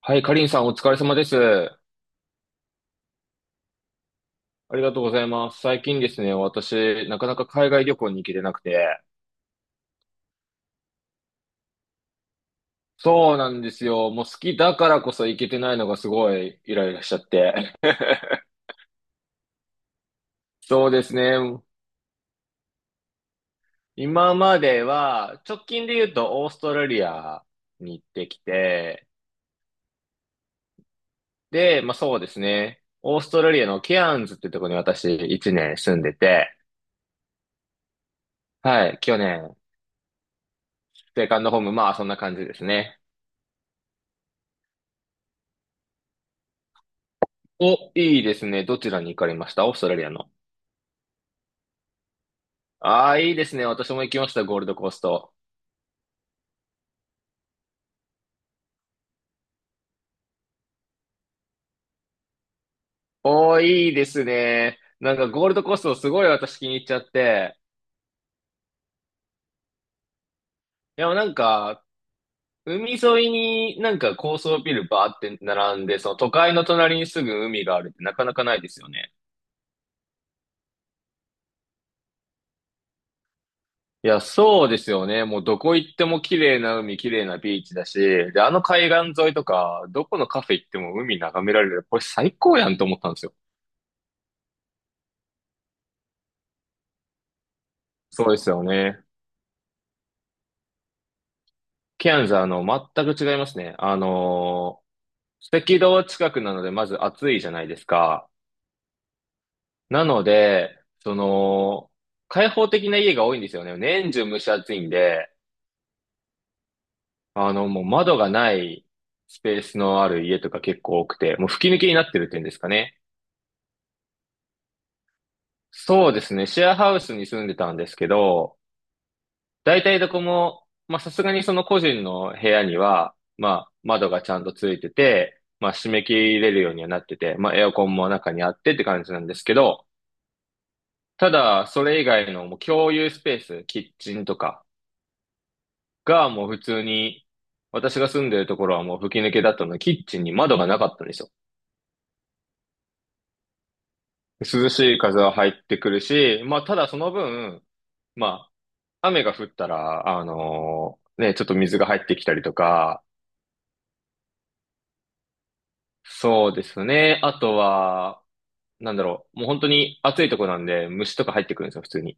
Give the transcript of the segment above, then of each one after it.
はい、かりんさんお疲れ様です。ありがとうございます。最近ですね、私、なかなか海外旅行に行けてなくて。そうなんですよ。もう好きだからこそ行けてないのがすごいイライラしちゃって。そうですね。今までは、直近で言うとオーストラリアに行ってきて、で、まあそうですね。オーストラリアのケアンズってとこに私1年住んでて、はい、去年、セカンドホーム、まあそんな感じですね。お、いいですね。どちらに行かれましたオーストラリアの？ああ、いいですね。私も行きました、ゴールドコースト。おー、いいですね。なんかゴールドコーストすごい私気に入っちゃって。いや、なんか、海沿いになんか高層ビルバーって並んで、その都会の隣にすぐ海があるってなかなかないですよね。いや、そうですよね。もうどこ行っても綺麗な海、綺麗なビーチだし、で、あの海岸沿いとか、どこのカフェ行っても海眺められる。これ最高やんと思ったんですよ。そうですよね。ケアンズ、全く違いますね。赤道近くなので、まず暑いじゃないですか。なので、開放的な家が多いんですよね。年中蒸し暑いんで、もう窓がないスペースのある家とか結構多くて、もう吹き抜けになってるっていうんですかね。そうですね。シェアハウスに住んでたんですけど、大体どこも、まあ、さすがにその個人の部屋には、まあ、窓がちゃんとついてて、まあ、締め切れるようにはなってて、まあ、エアコンも中にあってって感じなんですけど、ただ、それ以外のもう共有スペース、キッチンとかがもう普通に、私が住んでるところはもう吹き抜けだったので、キッチンに窓がなかったんですよ。涼しい風は入ってくるし、まあ、ただその分、まあ、雨が降ったら、あのね、ちょっと水が入ってきたりとか、そうですね。あとは、なんだろう。もう本当に暑いとこなんで、虫とか入ってくるんですよ、普通に。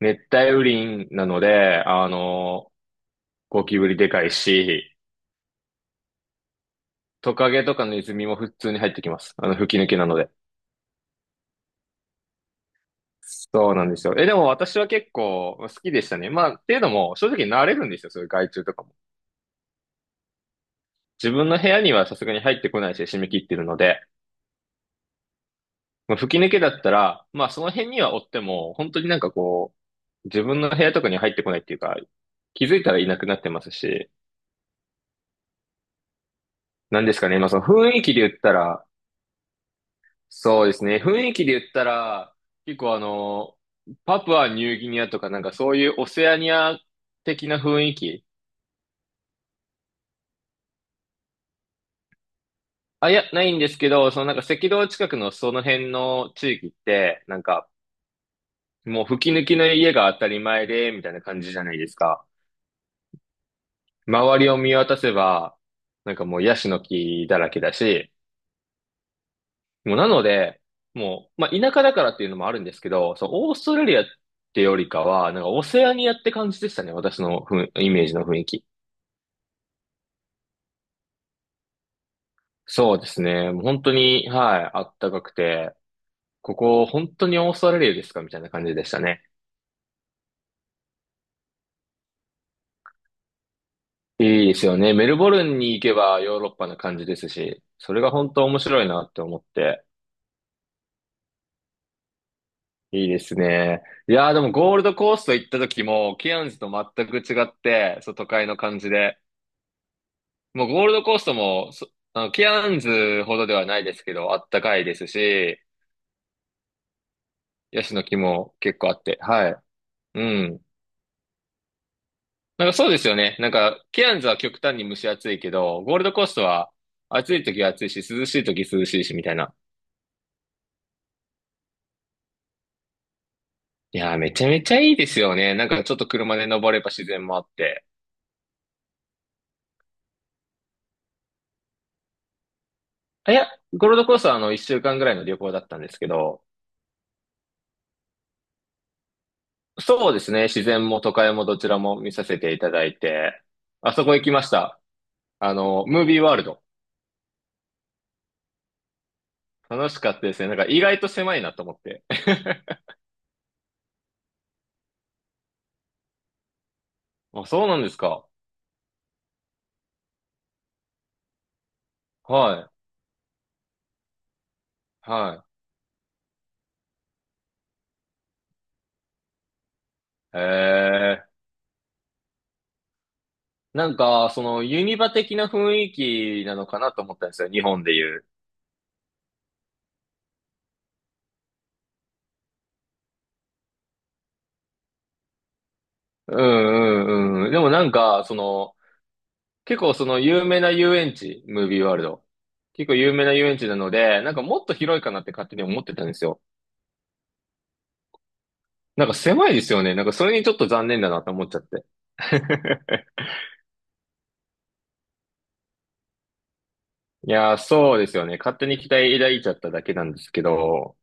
熱帯雨林なので、ゴキブリでかいし、トカゲとかのネズミも普通に入ってきます。吹き抜けなので。そうなんですよ。でも私は結構好きでしたね。まあ、っていうのも、正直慣れるんですよ、そういう害虫とかも。自分の部屋にはさすがに入ってこないし、締め切ってるので。まあ、吹き抜けだったら、まあその辺には追っても、本当になんかこう、自分の部屋とかに入ってこないっていうか、気づいたらいなくなってますし、なんですかね、まあその雰囲気で言ったら、そうですね、雰囲気で言ったら、結構パプアニューギニアとかなんかそういうオセアニア的な雰囲気、あ、いや、ないんですけど、そのなんか赤道近くのその辺の地域って、なんかもう吹き抜きの家が当たり前で、みたいな感じじゃないですか。周りを見渡せば、なんかもうヤシの木だらけだし、もうなので、もう、まあ、田舎だからっていうのもあるんですけど、そう、オーストラリアってよりかは、なんかオセアニアって感じでしたね、私のふんイメージの雰囲気。そうですね、もう本当に、はい、あったかくて、ここ本当にオーストラリアですかみたいな感じでしたね。いいですよね。メルボルンに行けばヨーロッパな感じですし、それが本当面白いなって思って。いいですね。いやーでもゴールドコースト行った時も、ケアンズと全く違って、そう、都会の感じで。もうゴールドコーストも、そ、あの、ケアンズほどではないですけど、あったかいですし、ヤシの木も結構あって、はい。うん。なんかそうですよね。なんか、ケアンズは極端に蒸し暑いけど、ゴールドコーストは暑い時は暑いし、涼しい時涼しいし、みたいな。いやーめちゃめちゃいいですよね。なんかちょっと車で登れば自然もあって。あ、いや、ゴールドコーストは一週間ぐらいの旅行だったんですけど、そうですね。自然も都会もどちらも見させていただいて、あそこ行きました。ムービーワールド。楽しかったですね。なんか意外と狭いなと思って。あ、そうなんですか。はい。はい。えー。なんか、ユニバ的な雰囲気なのかなと思ったんですよ。日本でいう。うんうんうん。でもなんか、結構その有名な遊園地、ムービーワールド。結構有名な遊園地なので、なんかもっと広いかなって勝手に思ってたんですよ。なんか狭いですよね。なんかそれにちょっと残念だなと思っちゃって。いやー、そうですよね。勝手に期待抱いちゃっただけなんですけど。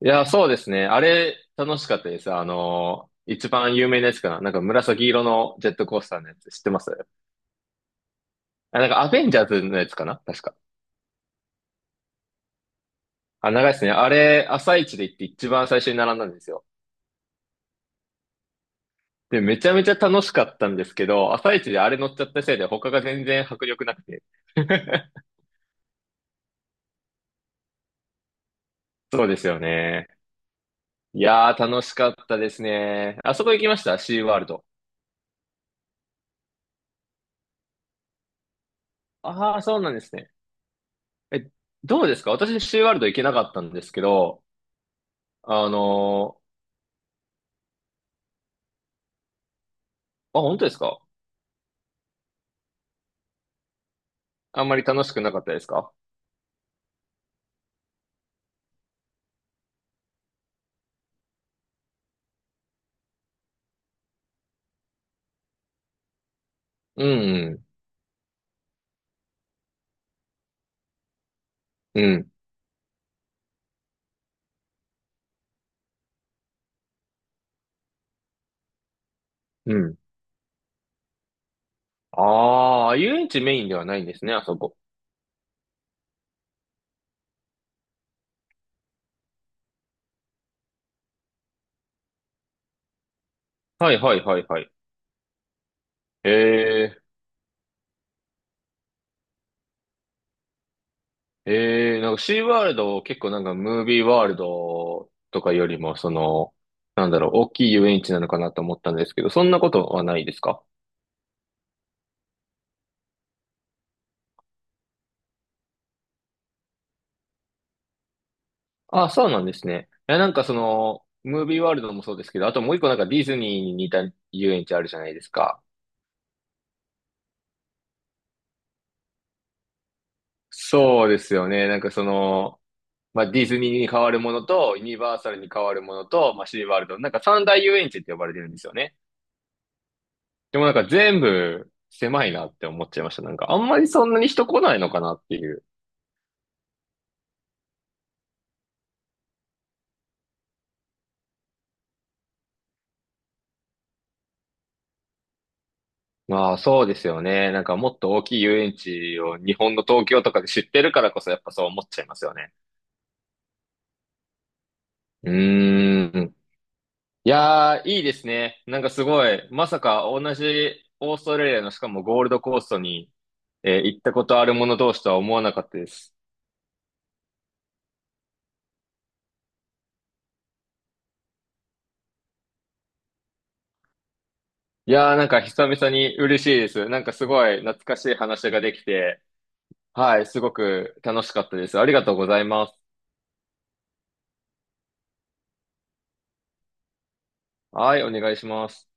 いやー、そうですね。あれ、楽しかったです。一番有名なやつかな。なんか紫色のジェットコースターのやつ、知ってます？あ、なんかアベンジャーズのやつかな確か。あ、長いですね。あれ、朝一で行って一番最初に並んだんですよ。で、めちゃめちゃ楽しかったんですけど、朝一であれ乗っちゃったせいで他が全然迫力なくて。そうですよね。いやー、楽しかったですね。あそこ行きましたシーワールド？ああ、そうなんですね。え、どうですか？私シーワールド行けなかったんですけど、あのあ、本当ですか？あんまり楽しくなかったですか？うん、うん、うん。ああ、遊園地メインではないんですね、あそこ。はいはいはいはい。えなんかシーワールド結構なんかムービーワールドとかよりも、なんだろう、大きい遊園地なのかなと思ったんですけど、そんなことはないですか？あ、そうなんですね。いや、なんかムービーワールドもそうですけど、あともう一個なんかディズニーに似た遊園地あるじゃないですか。そうですよね。なんかまあ、ディズニーに変わるものと、ユニバーサルに変わるものと、まあ、シーワールド、なんか三大遊園地って呼ばれてるんですよね。でもなんか全部狭いなって思っちゃいました。なんかあんまりそんなに人来ないのかなっていう。まあそうですよね。なんかもっと大きい遊園地を日本の東京とかで知ってるからこそやっぱそう思っちゃいますよね。うーん。いやー、いいですね。なんかすごい、まさか同じオーストラリアのしかもゴールドコーストに、行ったことある者同士とは思わなかったです。いやー、なんか久々に嬉しいです。なんかすごい懐かしい話ができて、はい、すごく楽しかったです。ありがとうございます。はい、お願いします。